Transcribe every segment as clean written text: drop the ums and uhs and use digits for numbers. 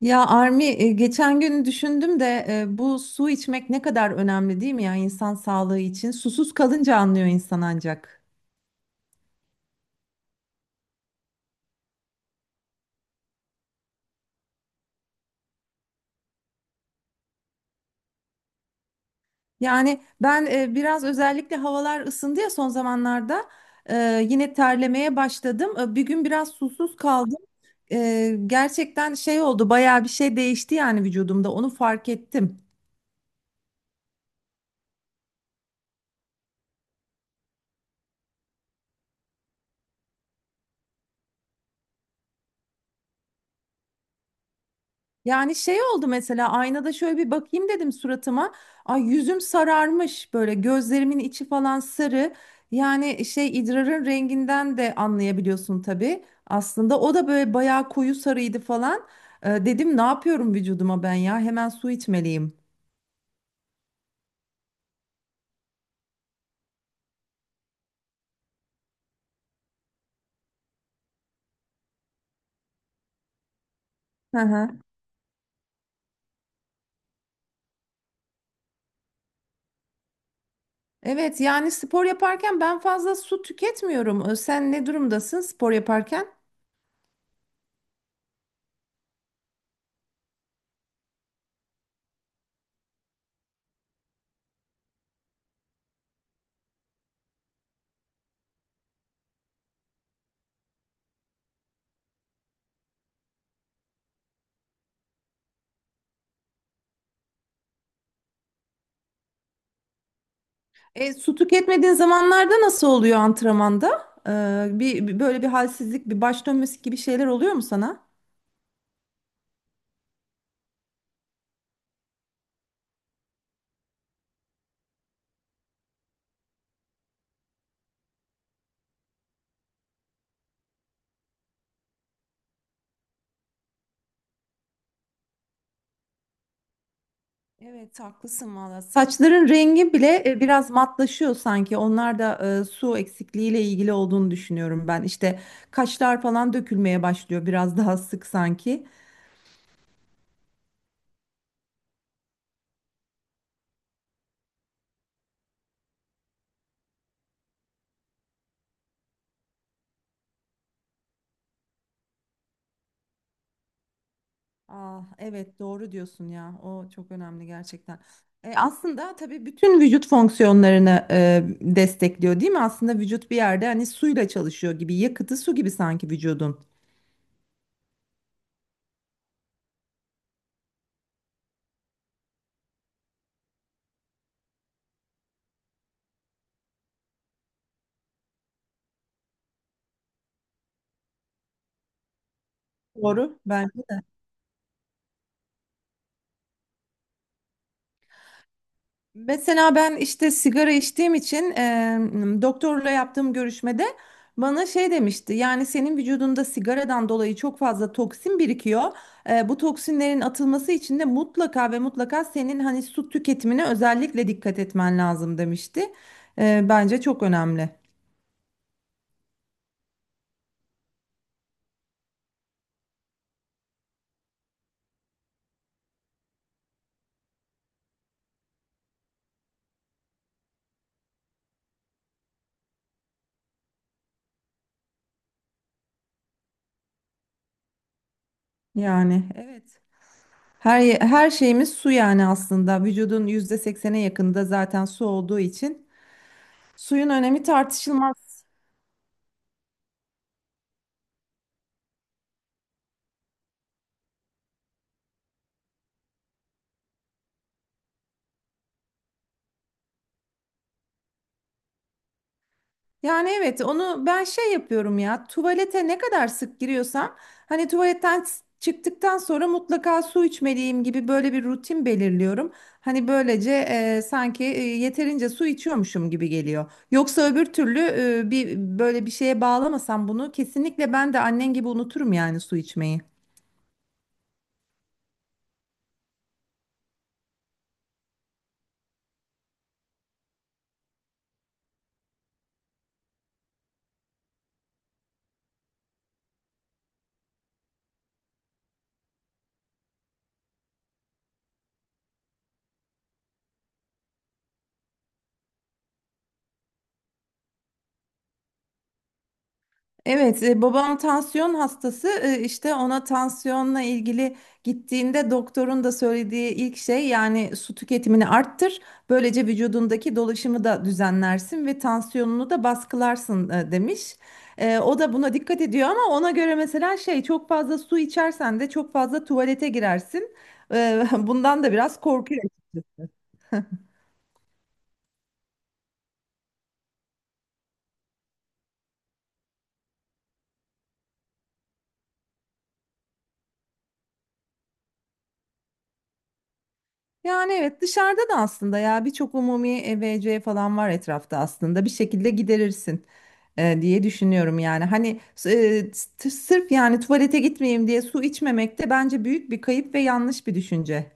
Ya Armi geçen gün düşündüm de bu su içmek ne kadar önemli değil mi ya insan sağlığı için? Susuz kalınca anlıyor insan ancak. Yani ben biraz özellikle havalar ısındı ya son zamanlarda yine terlemeye başladım. Bir gün biraz susuz kaldım. Gerçekten şey oldu bayağı bir şey değişti yani vücudumda onu fark ettim. Yani şey oldu mesela aynada şöyle bir bakayım dedim suratıma. Ay yüzüm sararmış böyle gözlerimin içi falan sarı. Yani şey idrarın renginden de anlayabiliyorsun tabii. Aslında o da böyle bayağı koyu sarıydı falan. Dedim ne yapıyorum vücuduma ben ya hemen su içmeliyim. Hı hı. Evet yani spor yaparken ben fazla su tüketmiyorum. Sen ne durumdasın spor yaparken? Su tüketmediğin zamanlarda nasıl oluyor antrenmanda? Böyle bir halsizlik, bir baş dönmesi gibi şeyler oluyor mu sana? Evet, haklısın valla. Saçların rengi bile biraz matlaşıyor sanki. Onlar da su eksikliğiyle ilgili olduğunu düşünüyorum ben. İşte kaşlar falan dökülmeye başlıyor biraz daha sık sanki. Ah, evet doğru diyorsun ya. O çok önemli gerçekten. Aslında tabii bütün vücut fonksiyonlarını destekliyor değil mi? Aslında vücut bir yerde hani suyla çalışıyor gibi. Yakıtı su gibi sanki vücudun. Doğru. Mesela ben işte sigara içtiğim için doktorla yaptığım görüşmede bana şey demişti. Yani senin vücudunda sigaradan dolayı çok fazla toksin birikiyor. Bu toksinlerin atılması için de mutlaka ve mutlaka senin hani su tüketimine özellikle dikkat etmen lazım demişti. Bence çok önemli. Yani evet. Her şeyimiz su yani aslında. Vücudun %80'e yakında zaten su olduğu için suyun önemi tartışılmaz. Yani evet onu ben şey yapıyorum ya tuvalete ne kadar sık giriyorsam hani çıktıktan sonra mutlaka su içmeliyim gibi böyle bir rutin belirliyorum. Hani böylece sanki yeterince su içiyormuşum gibi geliyor. Yoksa öbür türlü e, bir böyle bir şeye bağlamasam bunu kesinlikle ben de annen gibi unuturum yani su içmeyi. Evet, babam tansiyon hastası. İşte ona tansiyonla ilgili gittiğinde doktorun da söylediği ilk şey yani su tüketimini arttır. Böylece vücudundaki dolaşımı da düzenlersin ve tansiyonunu da baskılarsın demiş. O da buna dikkat ediyor ama ona göre mesela şey çok fazla su içersen de çok fazla tuvalete girersin. Bundan da biraz korkuyor. Yani evet dışarıda da aslında ya birçok umumi EVC falan var etrafta aslında bir şekilde giderirsin diye düşünüyorum yani hani sırf yani tuvalete gitmeyeyim diye su içmemek de bence büyük bir kayıp ve yanlış bir düşünce.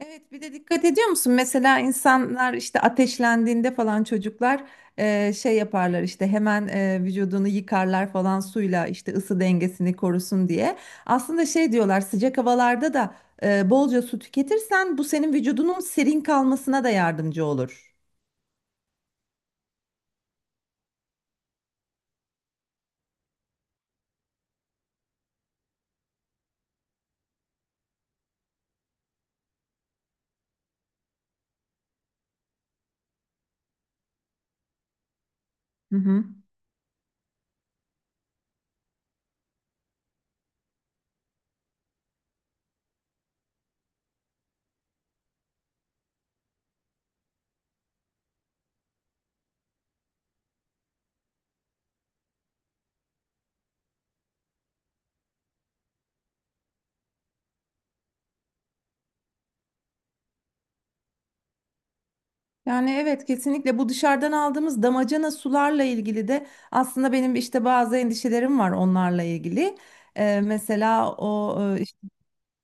Evet, bir de dikkat ediyor musun? Mesela insanlar işte ateşlendiğinde falan çocuklar şey yaparlar işte hemen vücudunu yıkarlar falan suyla işte ısı dengesini korusun diye. Aslında şey diyorlar sıcak havalarda da bolca su tüketirsen bu senin vücudunun serin kalmasına da yardımcı olur. Hı hı. Yani evet kesinlikle bu dışarıdan aldığımız damacana sularla ilgili de aslında benim işte bazı endişelerim var onlarla ilgili. E, mesela o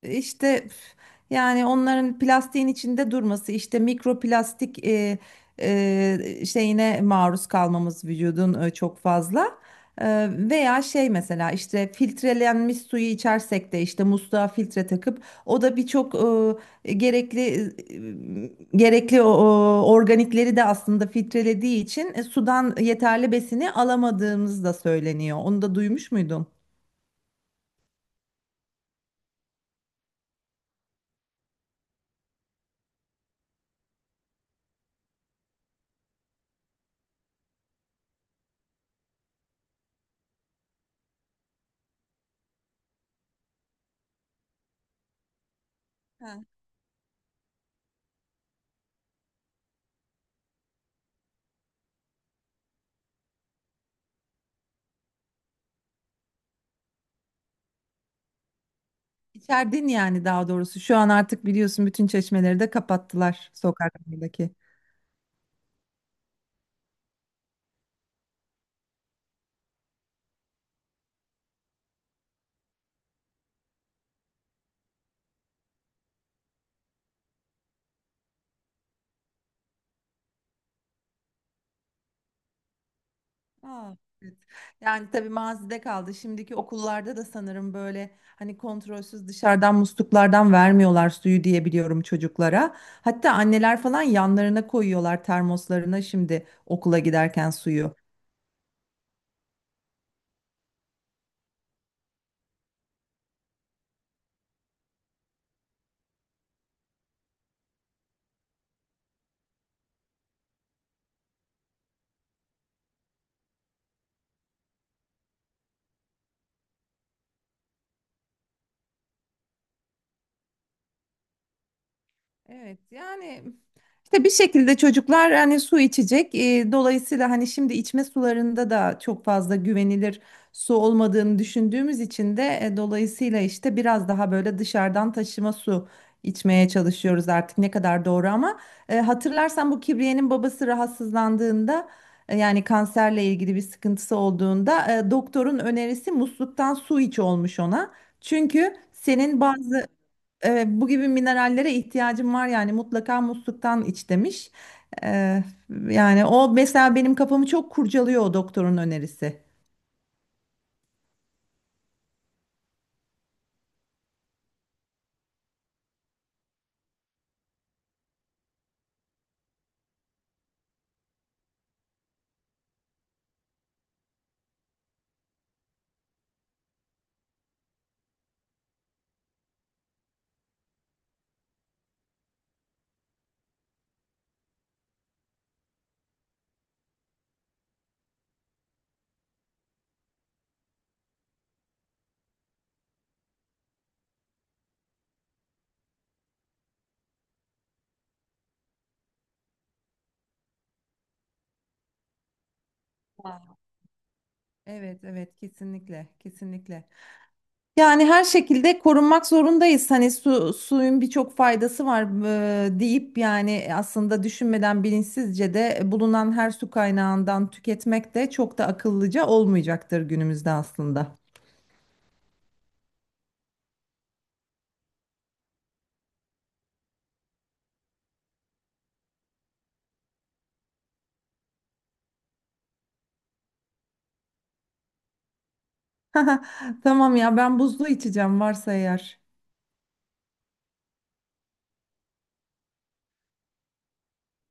İşte üf, yani onların plastiğin içinde durması işte mikroplastik şeyine maruz kalmamız vücudun çok fazla. Veya şey mesela işte filtrelenmiş suyu içersek de işte musluğa filtre takıp o da birçok gerekli o organikleri de aslında filtrelediği için sudan yeterli besini alamadığımız da söyleniyor. Onu da duymuş muydun? İçerdin yani daha doğrusu. Şu an artık biliyorsun bütün çeşmeleri de kapattılar sokaklardaki. Aa, evet. Yani tabii mazide kaldı. Şimdiki okullarda da sanırım böyle hani kontrolsüz dışarıdan musluklardan vermiyorlar suyu diye biliyorum çocuklara. Hatta anneler falan yanlarına koyuyorlar termoslarına şimdi okula giderken suyu. Evet yani işte bir şekilde çocuklar hani su içecek. Dolayısıyla hani şimdi içme sularında da çok fazla güvenilir su olmadığını düşündüğümüz için de dolayısıyla işte biraz daha böyle dışarıdan taşıma su içmeye çalışıyoruz artık ne kadar doğru ama hatırlarsan bu Kibriye'nin babası rahatsızlandığında yani kanserle ilgili bir sıkıntısı olduğunda doktorun önerisi musluktan su iç olmuş ona. Çünkü senin bazı bu gibi minerallere ihtiyacım var yani mutlaka musluktan iç demiş. E, Yani o mesela benim kafamı çok kurcalıyor o doktorun önerisi. Evet evet kesinlikle kesinlikle. Yani her şekilde korunmak zorundayız. Hani su, suyun birçok faydası var deyip yani aslında düşünmeden bilinçsizce de bulunan her su kaynağından tüketmek de çok da akıllıca olmayacaktır günümüzde aslında. Tamam ya ben buzlu içeceğim varsa eğer.